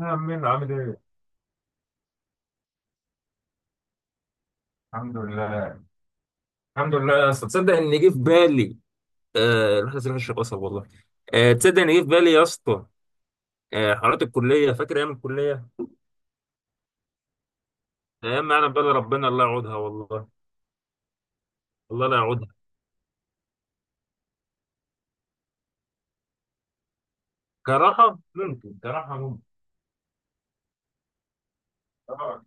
يا عمين، عامل ايه؟ الحمد لله. الحمد لله يا اسطى، تصدق ان جه في بالي. آه، رحله سينا الشيخ قصب والله. آه تصدق ان جه في بالي يا اسطى. آه، حوارات الكليه، فاكر ايام الكليه. ايام ما انا بقى، ربنا الله يعودها والله. الله لا يعودها. كراحه ممكن، كراحه ممكن. طبعا.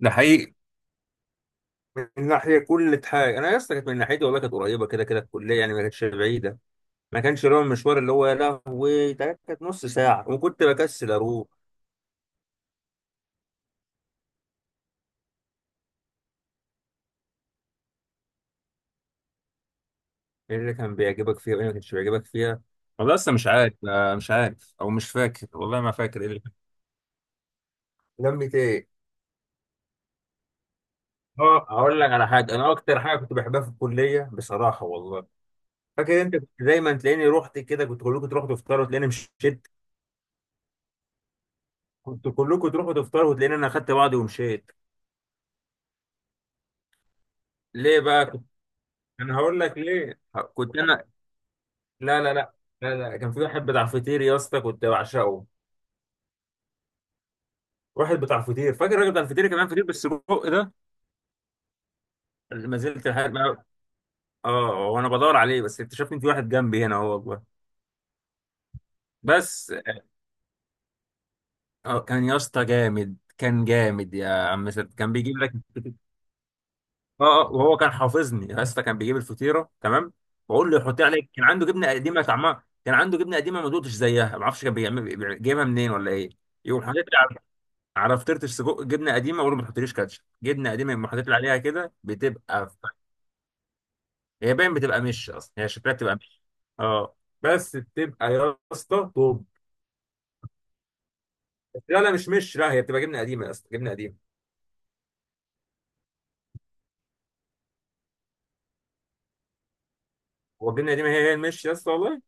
ده حقيقي. من ناحيه كل حاجه انا يا اسطى، كانت من ناحيتي والله كانت قريبه، كده كده الكليه يعني ما كانتش بعيده. ما كانش اللي هو المشوار اللي هو يا لهوي، ده كانت نص ساعه وكنت بكسل اروح. ايه اللي كان بيعجبك فيها وايه اللي ما كانش بيعجبك فيها؟ والله لسه مش عارف، مش عارف او مش فاكر والله، ما فاكر لمة ايه؟ اه، هقول لك على حاجه. انا اكتر حاجه كنت بحبها في الكليه بصراحه والله، فاكر انت كنت دايما تلاقيني رحت كده، كنت كلكم تروحوا تفطروا وتلاقيني مشيت. كنت كلكم تروحوا تفطروا وتلاقيني انا خدت بعضي ومشيت. ليه بقى كنت انا؟ هقول لك ليه. كنت انا لا لا لا. لا لا كان في واحد بتاع فطير يا اسطى كنت بعشقه. واحد بتاع فطير، فاكر الراجل بتاع الفطير؟ كمان فطير بالسجق ده. ما زلت لحد اه، وانا بدور عليه، بس اكتشفت ان في واحد جنبي هنا هو جوه. بس اه كان يا اسطى جامد، كان جامد يا عم سيد، كان بيجيب لك الفطير. اه اه، وهو كان حافظني يا اسطى، كان بيجيب الفطيره تمام. بقول له حط عليك، كان عنده جبنه قديمه طعمها، كان عنده جبنه قديمه ما دقتش زيها، ما اعرفش كان بيعمل جايبها منين ولا ايه. يقوم حاطط لي على على فطيره السجق جبنه قديمه، اقول له ما تحطليش كاتشب جبنه قديمه، يقوم حاطط لي عليها كده، بتبقى هي باين بتبقى مش، اصلا هي شكلها بتبقى مش. اه، بس بتبقى يا اسطى طب، لا لا مش لا، هي بتبقى جبنه قديمه اصلا، جبنه قديمه. هو الجبنه القديمه هي هي المش يا اسطى والله.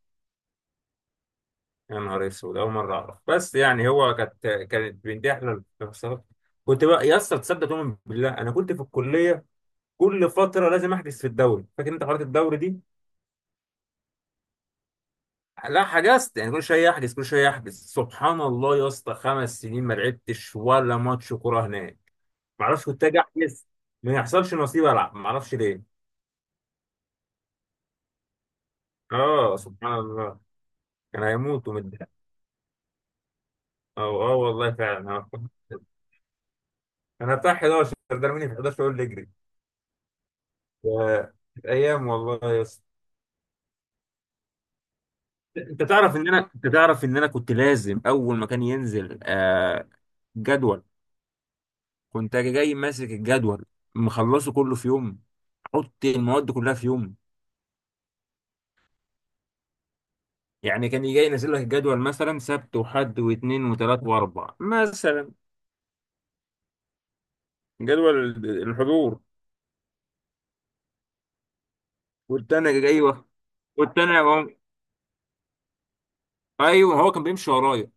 يا نهار اسود، اول مره اعرف، بس يعني هو كانت بنتي احلى الفصلات. كنت بقى يا اسطى تصدق، تؤمن بالله، انا كنت في الكليه كل فتره لازم احجز في الدوري، فاكر انت قرات الدوري دي؟ لا، حجزت يعني كل شويه احجز، كل شويه احجز، سبحان الله يا اسطى، خمس سنين ما لعبتش ولا ماتش كوره هناك. ما اعرفش، كنت اجي احجز ما يحصلش نصيب العب، ما اعرفش ليه. اه سبحان الله. كان هيموت ومتضايق. اه اه والله فعلا. آه. انا بتاع 11، ده مني في 11 يقول لي اجري. كانت ايام والله يا اسطى. انت تعرف ان انا كنت لازم اول ما كان ينزل جدول، كنت اجي جاي ماسك الجدول، مخلصه كله في يوم، احط المواد كلها في يوم. يعني كان يجي ينزل لك الجدول مثلا سبت وحد واثنين وثلاث واربع مثلا. جدول الحضور. كنت انا جاي واخ- كنت انا و- ايوه هو كان بيمشي ورايا.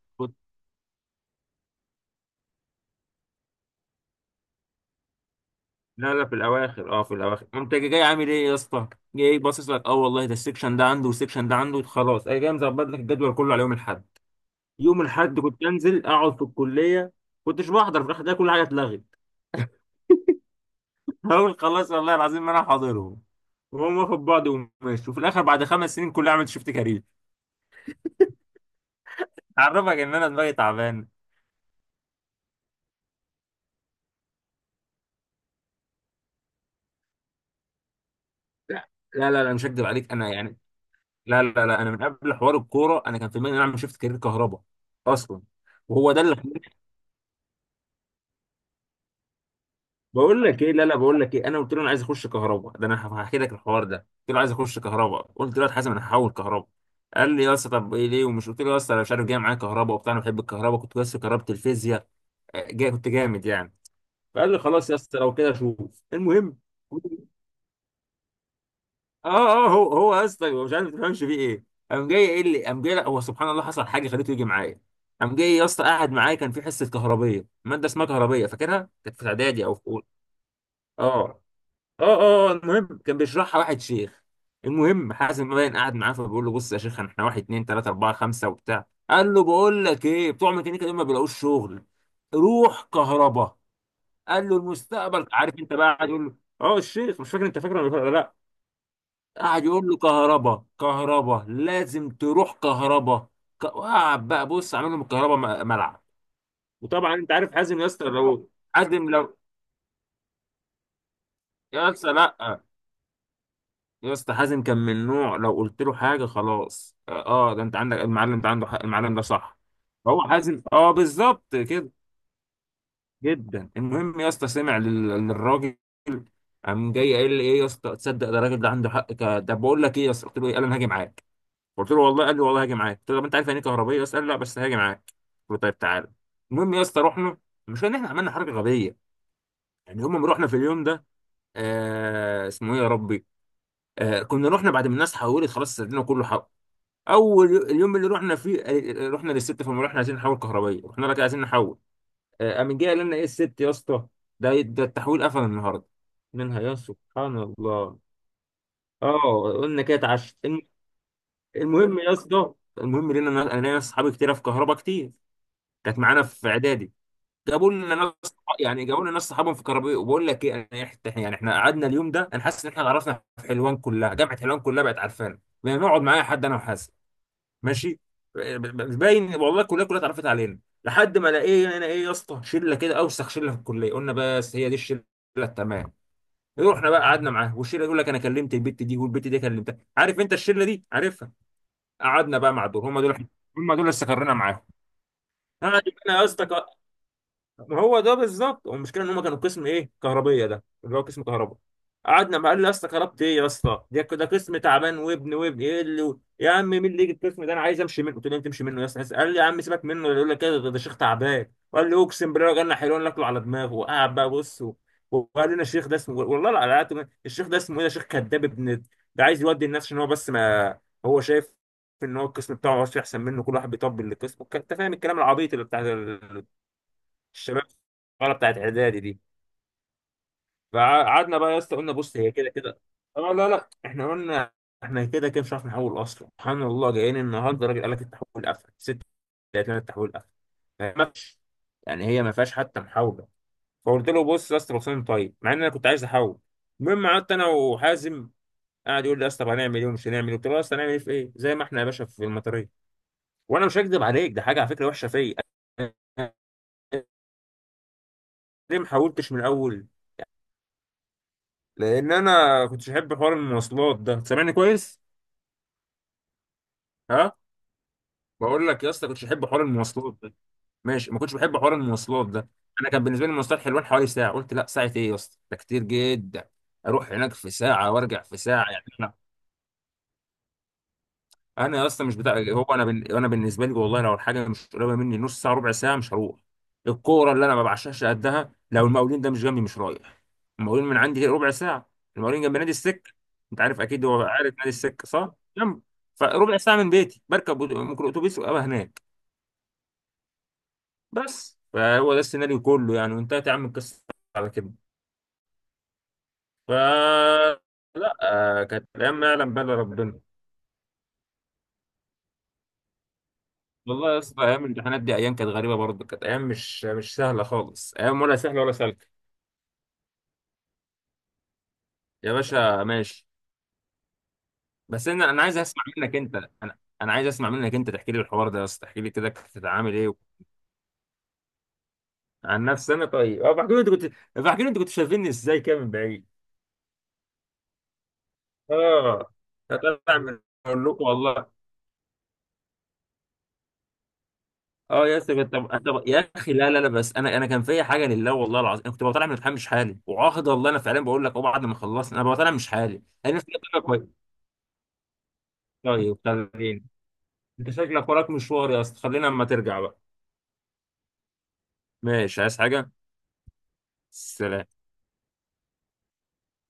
لا لا، في الاواخر، اه في الاواخر. انت جاي عامل ايه يا اسطى؟ جاي باصص لك، اه والله ده السكشن ده عنده والسكشن ده عنده خلاص، اي جاي مظبط لك الجدول كله على يوم الاحد. يوم الاحد كنت انزل اقعد في الكليه. كنتش بحضر في الاخر ده، كل حاجه اتلغت. اقول خلاص والله العظيم ما انا حاضرهم، وهم واخد بعض وماشي، وفي الاخر بعد خمس سنين كلها عملت شفت كارير. اعرفك ان انا دماغي تعبان. لا لا لا لا، مش هكدب عليك انا يعني. لا لا لا، انا من قبل حوار الكوره انا كان في دماغي ان انا اعمل شفت كارير كهرباء اصلا. وهو ده اللي بقول لك ايه. لا لا، بقول لك ايه، انا قلت له انا عايز اخش كهرباء، ده انا هحكي لك الحوار ده. قلت له عايز اخش كهرباء، قلت له يا حازم انا هحول كهرباء. قال لي يا اسطى طب ايه ليه؟ ومش قلت له يا اسطى انا مش عارف، جاي معايا كهرباء وبتاع، انا بحب الكهرباء، كنت بس في كهرباء الفيزياء جاي كنت جامد يعني. فقال لي خلاص يا اسطى لو كده شوف، المهم اه اه. هو هو يا اسطى، هو مش عارف ما تفهمش فيه ايه. قام جاي، لا هو سبحان الله حصل حاجه خليته يجي معايا. قام جاي يا اسطى قاعد معايا، كان في حصه كهربيه، ماده اسمها كهربيه، فاكرها كانت في اعدادي او في أولى. اه اه اه، المهم كان بيشرحها واحد شيخ. المهم حازم باين قاعد معاه، فبيقول له بص يا شيخ احنا واحد اتنين تلاته اربعه خمسه وبتاع، قال له بقول لك ايه، بتوع ميكانيكا دول ما بيلاقوش شغل، روح كهرباء. قال له المستقبل، عارف انت بقى قاعد يقول له. اه الشيخ، مش فاكر انت فاكره ولا لا. قاعد يقول له كهرباء كهرباء، لازم تروح كهرباء. وقعد بقى بص عامل لهم الكهرباء ملعب. وطبعا انت عارف حازم يا اسطى، لو حازم لو، يا اسطى لا، يا اسطى حازم كان من نوع لو قلت له حاجه خلاص، اه ده انت عندك المعلم ده عنده حق، المعلم ده صح. هو حازم اه بالظبط كده، جدا. المهم يا اسطى سمع للراجل. قام جاي قال لي ايه يا اسطى، تصدق ده الراجل ده عنده حق ده، بقول لك ايه يا اسطى؟ قلت له ايه؟ قال انا هاجي معاك. قلت له والله؟ قال لي والله هاجي معاك. قلت له طب انت عارف يعني إيه كهربيه يا اسطى؟ قال لي لا بس هاجي معاك. قلت له طيب تعالى. المهم يا اسطى رحنا، مش ان احنا عملنا حركه غبيه، يعني هم رحنا في اليوم ده، اسمه ايه يا ربي، كنا رحنا بعد ما الناس حولت خلاص، سردنا كله اول اليوم اللي رحنا فيه. رحنا للست، فما رحنا عايزين نحول كهربائيه، رحنا لك عايزين نحول. قام جاي قال لنا ايه الست يا اسطى؟ ده ده التحويل قفل النهارده. منها يا سبحان الله. اه قلنا كده اتعشت المهم يا اسطى. انا ليا اصحابي كتير في كهرباء كتير، كانت معانا في اعدادي. جابوا لنا ناس صح- يعني جابوا لنا ناس صحابهم في كهرباء، وبقول لك ايه انا يعني احنا قعدنا اليوم ده انا حاسس ان احنا عرفنا في حلوان كلها، جامعه حلوان كلها بقت عارفانا، بنقعد معايا حد انا وحاسس ماشي، باين والله الكليه كلها اتعرفت علينا. لحد ما لقينا هنا ايه يا اسطى، شله كده اوسخ شله في الكليه، قلنا بس هي دي الشله التمام. رحنا بقى قعدنا معاه والشله، يقول لك انا كلمت البت دي والبت دي كلمتها، عارف انت الشله دي، عارفها. قعدنا بقى مع دول، هم دول، هم دول اللي استقرينا معاهم. قعد بقى يا اسطى، ما هو ده بالظبط، والمشكله ان هم كانوا قسم ايه كهربيه، ده اللي هو قسم كهرباء. قعدنا، ما قال لي يا اسطى كهربت ايه يا اسطى، ده ده قسم تعبان وابن وابن ايه اللي، يا عم مين اللي يجي القسم ده، انا عايز امشي منه. قلت له تمشي منه يا اسطى؟ قال لي يا عم سيبك منه، يقول لك كده، ده ده شيخ تعبان، وقال لي اقسم بالله لو جالنا حلوان ناكله على دماغه. وقعد بقى بص وقال لنا الشيخ ده اسمه والله لا لا لا، الشيخ ده اسمه ايه، ده شيخ كذاب ابن، ده عايز يودي الناس عشان هو بس ما، هو شايف ان هو القسم بتاعه هو احسن منه، كل واحد بيطبل للقسم، انت فاهم الكلام العبيط اللي بتاع الشباب الصغيره بتاعت اعدادي دي. فقعدنا بقى يا اسطى، قلنا بص هي كده كده، اه لا لا احنا قلنا احنا كده كده مش عارف نحول اصلا، سبحان الله جايين النهارده الراجل قال لك التحويل قفل ست، لقيت لنا التحويل قفل ما فيش، يعني هي ما فيهاش حتى محاوله. فقلت له بص يا اسطى بصين طيب، مع ان انا كنت عايز احول. المهم قعدت انا وحازم، قاعد يقول لي يا اسطى طب هنعمل ايه ومش هنعمل ايه، قلت له يا اسطى هنعمل ايه في ايه، زي ما احنا يا باشا في المطريه. وانا مش هكذب عليك، ده حاجه على فكره وحشه فيا أنا، ليه ما حاولتش من الاول؟ لان انا كنتش احب حوار المواصلات ده، سامعني كويس؟ ها، بقول لك يا اسطى كنتش احب حوار المواصلات ده، ماشي، ما كنتش بحب حوار المواصلات ده. انا كان بالنسبه لي المواصلات حلوان حوالي ساعه، قلت لا، ساعه ايه يا اسطى؟ ده كتير جدا، اروح هناك في ساعه وارجع في ساعه يعني. انا اصلا مش بتاع، هو انا انا بالنسبه لي والله لو الحاجه مش قريبه مني نص ساعه ربع ساعه مش هروح. الكوره اللي انا ما بعشقش قدها، لو المقاولين ده مش جنبي مش رايح. المقاولين من عندي ربع ساعه، المقاولين جنب نادي السك، انت عارف اكيد، هو عارف نادي السك صح، جنب. فربع ساعه من بيتي، بركب ممكن اتوبيس وابقى هناك بس. فهو ده السيناريو كله يعني، وانتهت يا عم القصه على كده. ف لا، كانت الايام ما يعلم بها إلا ربنا. والله يا اسطى ايام الامتحانات دي ايام كانت غريبه برضه، كانت ايام مش مش سهله خالص، ايام ولا سهله ولا سالكه. يا باشا ماشي. بس انا انا عايز اسمع منك انت انا انا عايز اسمع منك انت تحكي لي الحوار ده يا اسطى، تحكي لي كده كنت بتتعامل ايه. عن نفسي انا؟ طيب اه، بحكي لي انت كنت شايفيني ازاي كده من بعيد. اه، هطلع من، اقول لكم والله. اه يا اسطى طب طب يا اخي لا لا لا، بس انا انا كان فيا حاجه لله والله العظيم، انا كنت بطلع من الامتحان مش حالي، وعاهد والله انا فعلا بقول لك اه، بعد ما خلصت انا بطلع مش حالي، انا نفسي أطلع كويس. طيب خلينا، انت شكلك وراك مشوار يا اسطى، خلينا اما ترجع بقى. ماشي، عايز حاجة؟ سلام.